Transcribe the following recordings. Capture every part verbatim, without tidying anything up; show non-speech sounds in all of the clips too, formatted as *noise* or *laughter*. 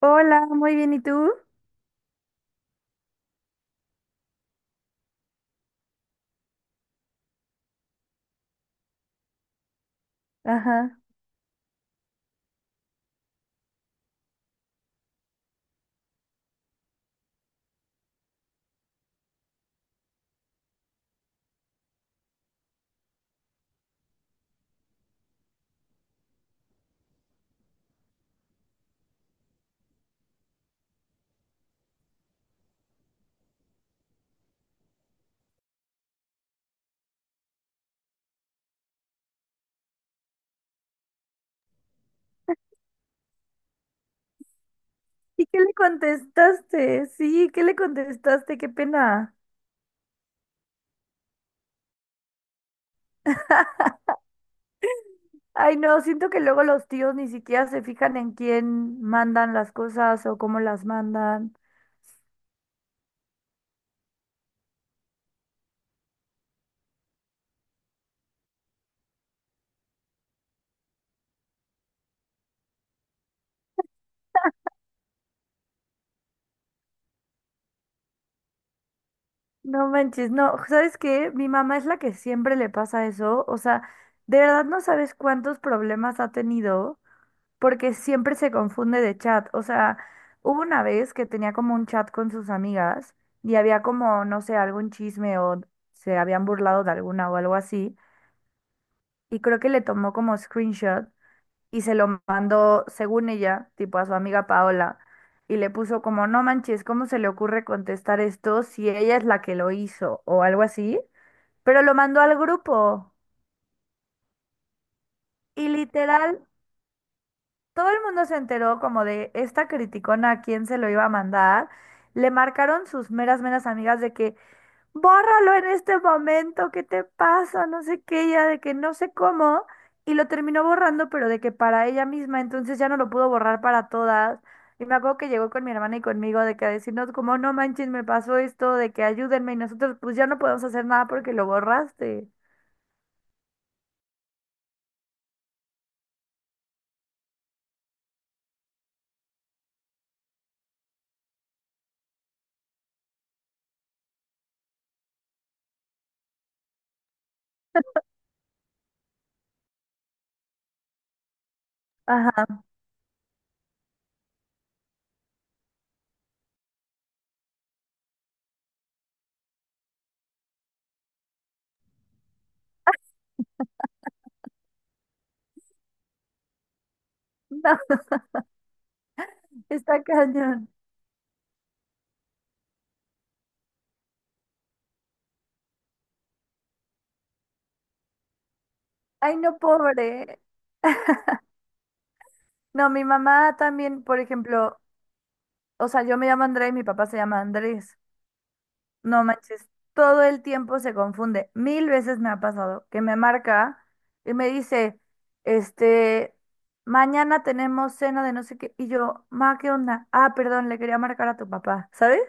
Hola, muy bien, ¿y tú? Ajá. ¿Y qué le contestaste? Sí, ¿qué le contestaste? Qué pena. Ay, no, siento que luego los tíos ni siquiera se fijan en quién mandan las cosas o cómo las mandan. No manches, no, ¿sabes qué? Mi mamá es la que siempre le pasa eso. O sea, de verdad no sabes cuántos problemas ha tenido, porque siempre se confunde de chat. O sea, hubo una vez que tenía como un chat con sus amigas y había como, no sé, algún chisme o se habían burlado de alguna o algo así. Y creo que le tomó como screenshot y se lo mandó, según ella, tipo a su amiga Paola. Y le puso como, no manches, ¿cómo se le ocurre contestar esto si ella es la que lo hizo o algo así? Pero lo mandó al grupo. Y literal, todo el mundo se enteró como de esta criticona a quién se lo iba a mandar. Le marcaron sus meras, meras amigas de que, bórralo en este momento, ¿qué te pasa? No sé qué, ya de que no sé cómo. Y lo terminó borrando, pero de que para ella misma, entonces ya no lo pudo borrar para todas. Y me acuerdo que llegó con mi hermana y conmigo de que a decirnos como, no manches, me pasó esto, de que ayúdenme y nosotros pues ya no podemos hacer nada porque lo borraste. Ajá. *laughs* No, está cañón. Ay, no, pobre. No, mi mamá también, por ejemplo, o sea, yo me llamo Andrea y mi papá se llama Andrés. No manches, todo el tiempo se confunde. Mil veces me ha pasado que me marca y me dice, este, mañana tenemos cena de no sé qué. Y yo, ma, ¿qué onda? Ah, perdón, le quería marcar a tu papá, ¿sabes?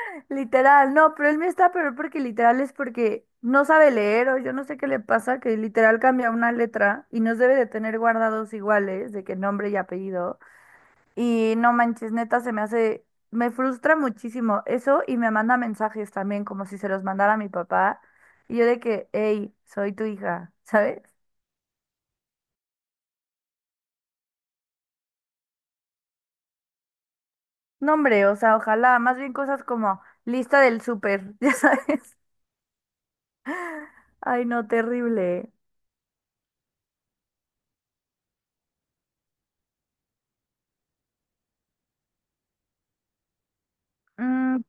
*laughs* Literal, no, pero él me está peor porque literal es porque no sabe leer o yo no sé qué le pasa, que literal cambia una letra y nos debe de tener guardados iguales de que nombre y apellido. Y no manches, neta, se me hace, me frustra muchísimo eso y me manda mensajes también, como si se los mandara a mi papá. Y yo de que, hey, soy tu hija. *laughs* ¿Sabes? No, hombre, o sea, ojalá, más bien cosas como lista del súper. *laughs* Ya sabes. Ay, no, terrible. Mm,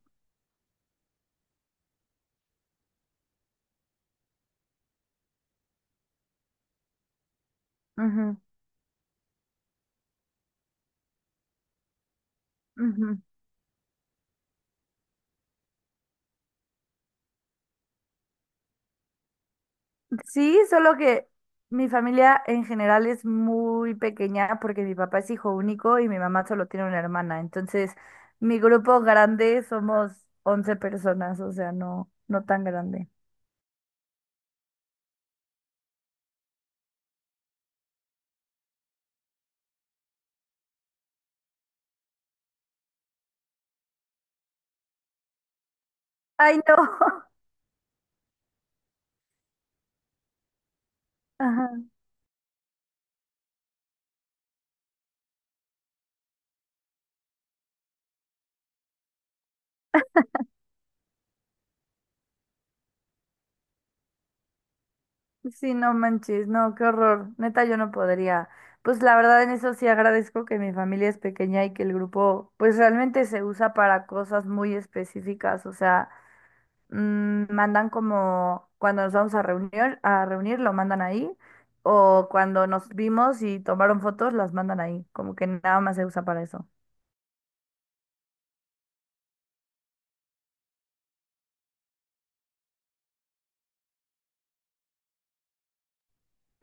ujú, ujú. Sí, solo que mi familia en general es muy pequeña porque mi papá es hijo único y mi mamá solo tiene una hermana. Entonces, mi grupo grande somos once personas, o sea, no, no tan grande. Ay, no. *laughs* Ajá. Sí, no manches, no, qué horror. Neta, yo no podría. Pues la verdad en eso sí agradezco que mi familia es pequeña y que el grupo pues realmente se usa para cosas muy específicas. O sea, mm, mandan como cuando nos vamos a reunir, a reunir lo mandan ahí, o cuando nos vimos y tomaron fotos, las mandan ahí, como que nada más se usa para eso.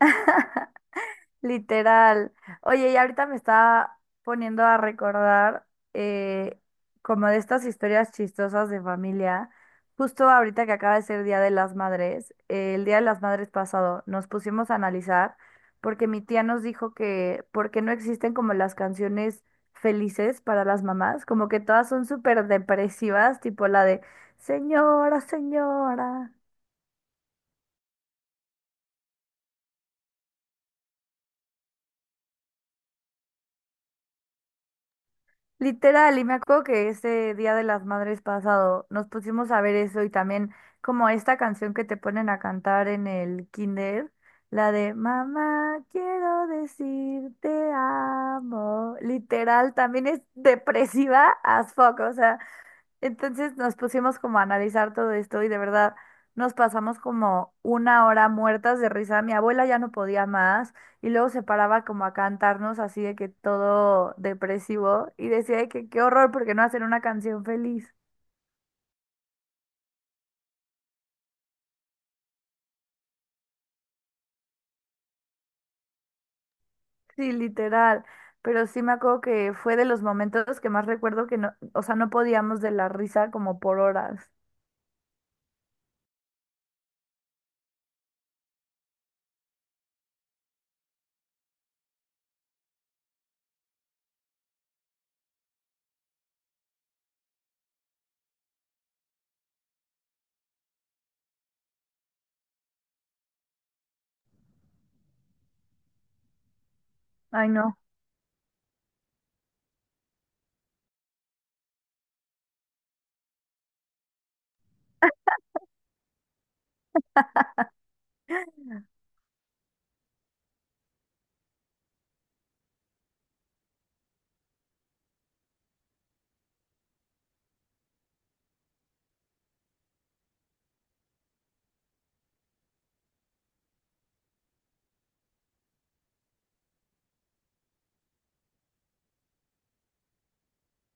*laughs* Literal. Oye, y ahorita me está poniendo a recordar eh, como de estas historias chistosas de familia. Justo ahorita que acaba de ser Día de las Madres, eh, el Día de las Madres pasado, nos pusimos a analizar porque mi tía nos dijo que porque no existen como las canciones felices para las mamás, como que todas son súper depresivas, tipo la de Señora, señora. Literal, y me acuerdo que ese Día de las Madres pasado nos pusimos a ver eso y también como esta canción que te ponen a cantar en el kinder, la de Mamá, quiero decir te amo. Literal, también es depresiva as fuck, o sea, entonces nos pusimos como a analizar todo esto y de verdad nos pasamos como una hora muertas de risa. Mi abuela ya no podía más y luego se paraba como a cantarnos así de que todo depresivo y decía de que qué horror porque no hacer una canción feliz. Sí, literal. Pero sí me acuerdo que fue de los momentos que más recuerdo que no, o sea, no podíamos de la risa como por horas. Ay, no.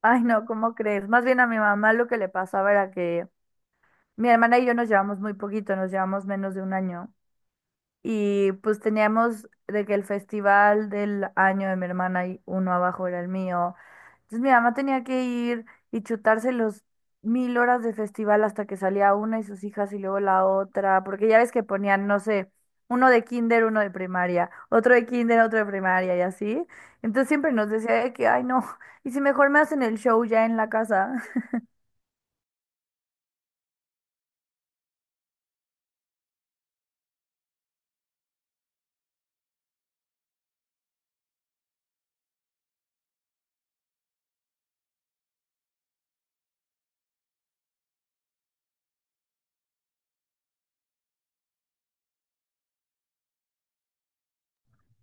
Ay, no, ¿cómo crees? Más bien a mi mamá lo que le pasaba era que mi hermana y yo nos llevamos muy poquito, nos llevamos menos de un año. Y pues teníamos de que el festival del año de mi hermana y uno abajo era el mío. Entonces mi mamá tenía que ir y chutarse los mil horas de festival hasta que salía una y sus hijas y luego la otra, porque ya ves que ponían, no sé, uno de kinder, uno de primaria, otro de kinder, otro de primaria y así. Entonces siempre nos decía de que, ay no, y si mejor me hacen el show ya en la casa. *laughs*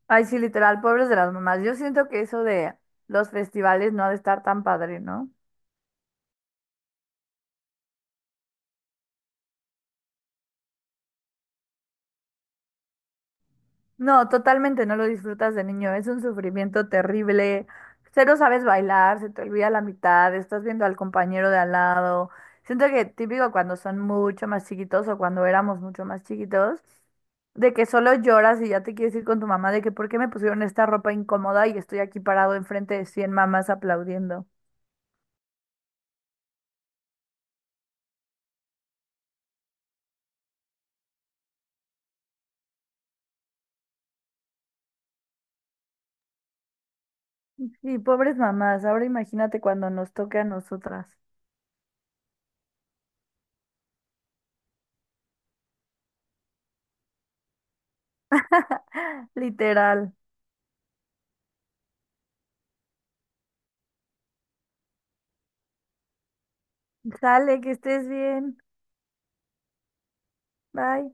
Ay sí, literal, pobres de las mamás. Yo siento que eso de los festivales no ha de estar tan padre, ¿no? No, totalmente no lo disfrutas de niño, es un sufrimiento terrible, cero sabes bailar, se te olvida la mitad, estás viendo al compañero de al lado. Siento que típico cuando son mucho más chiquitos o cuando éramos mucho más chiquitos, de que solo lloras y ya te quieres ir con tu mamá de que por qué me pusieron esta ropa incómoda y estoy aquí parado enfrente de cien mamás aplaudiendo. Y pobres mamás, ahora imagínate cuando nos toque a nosotras. *laughs* Literal. Sale, que estés bien. Bye.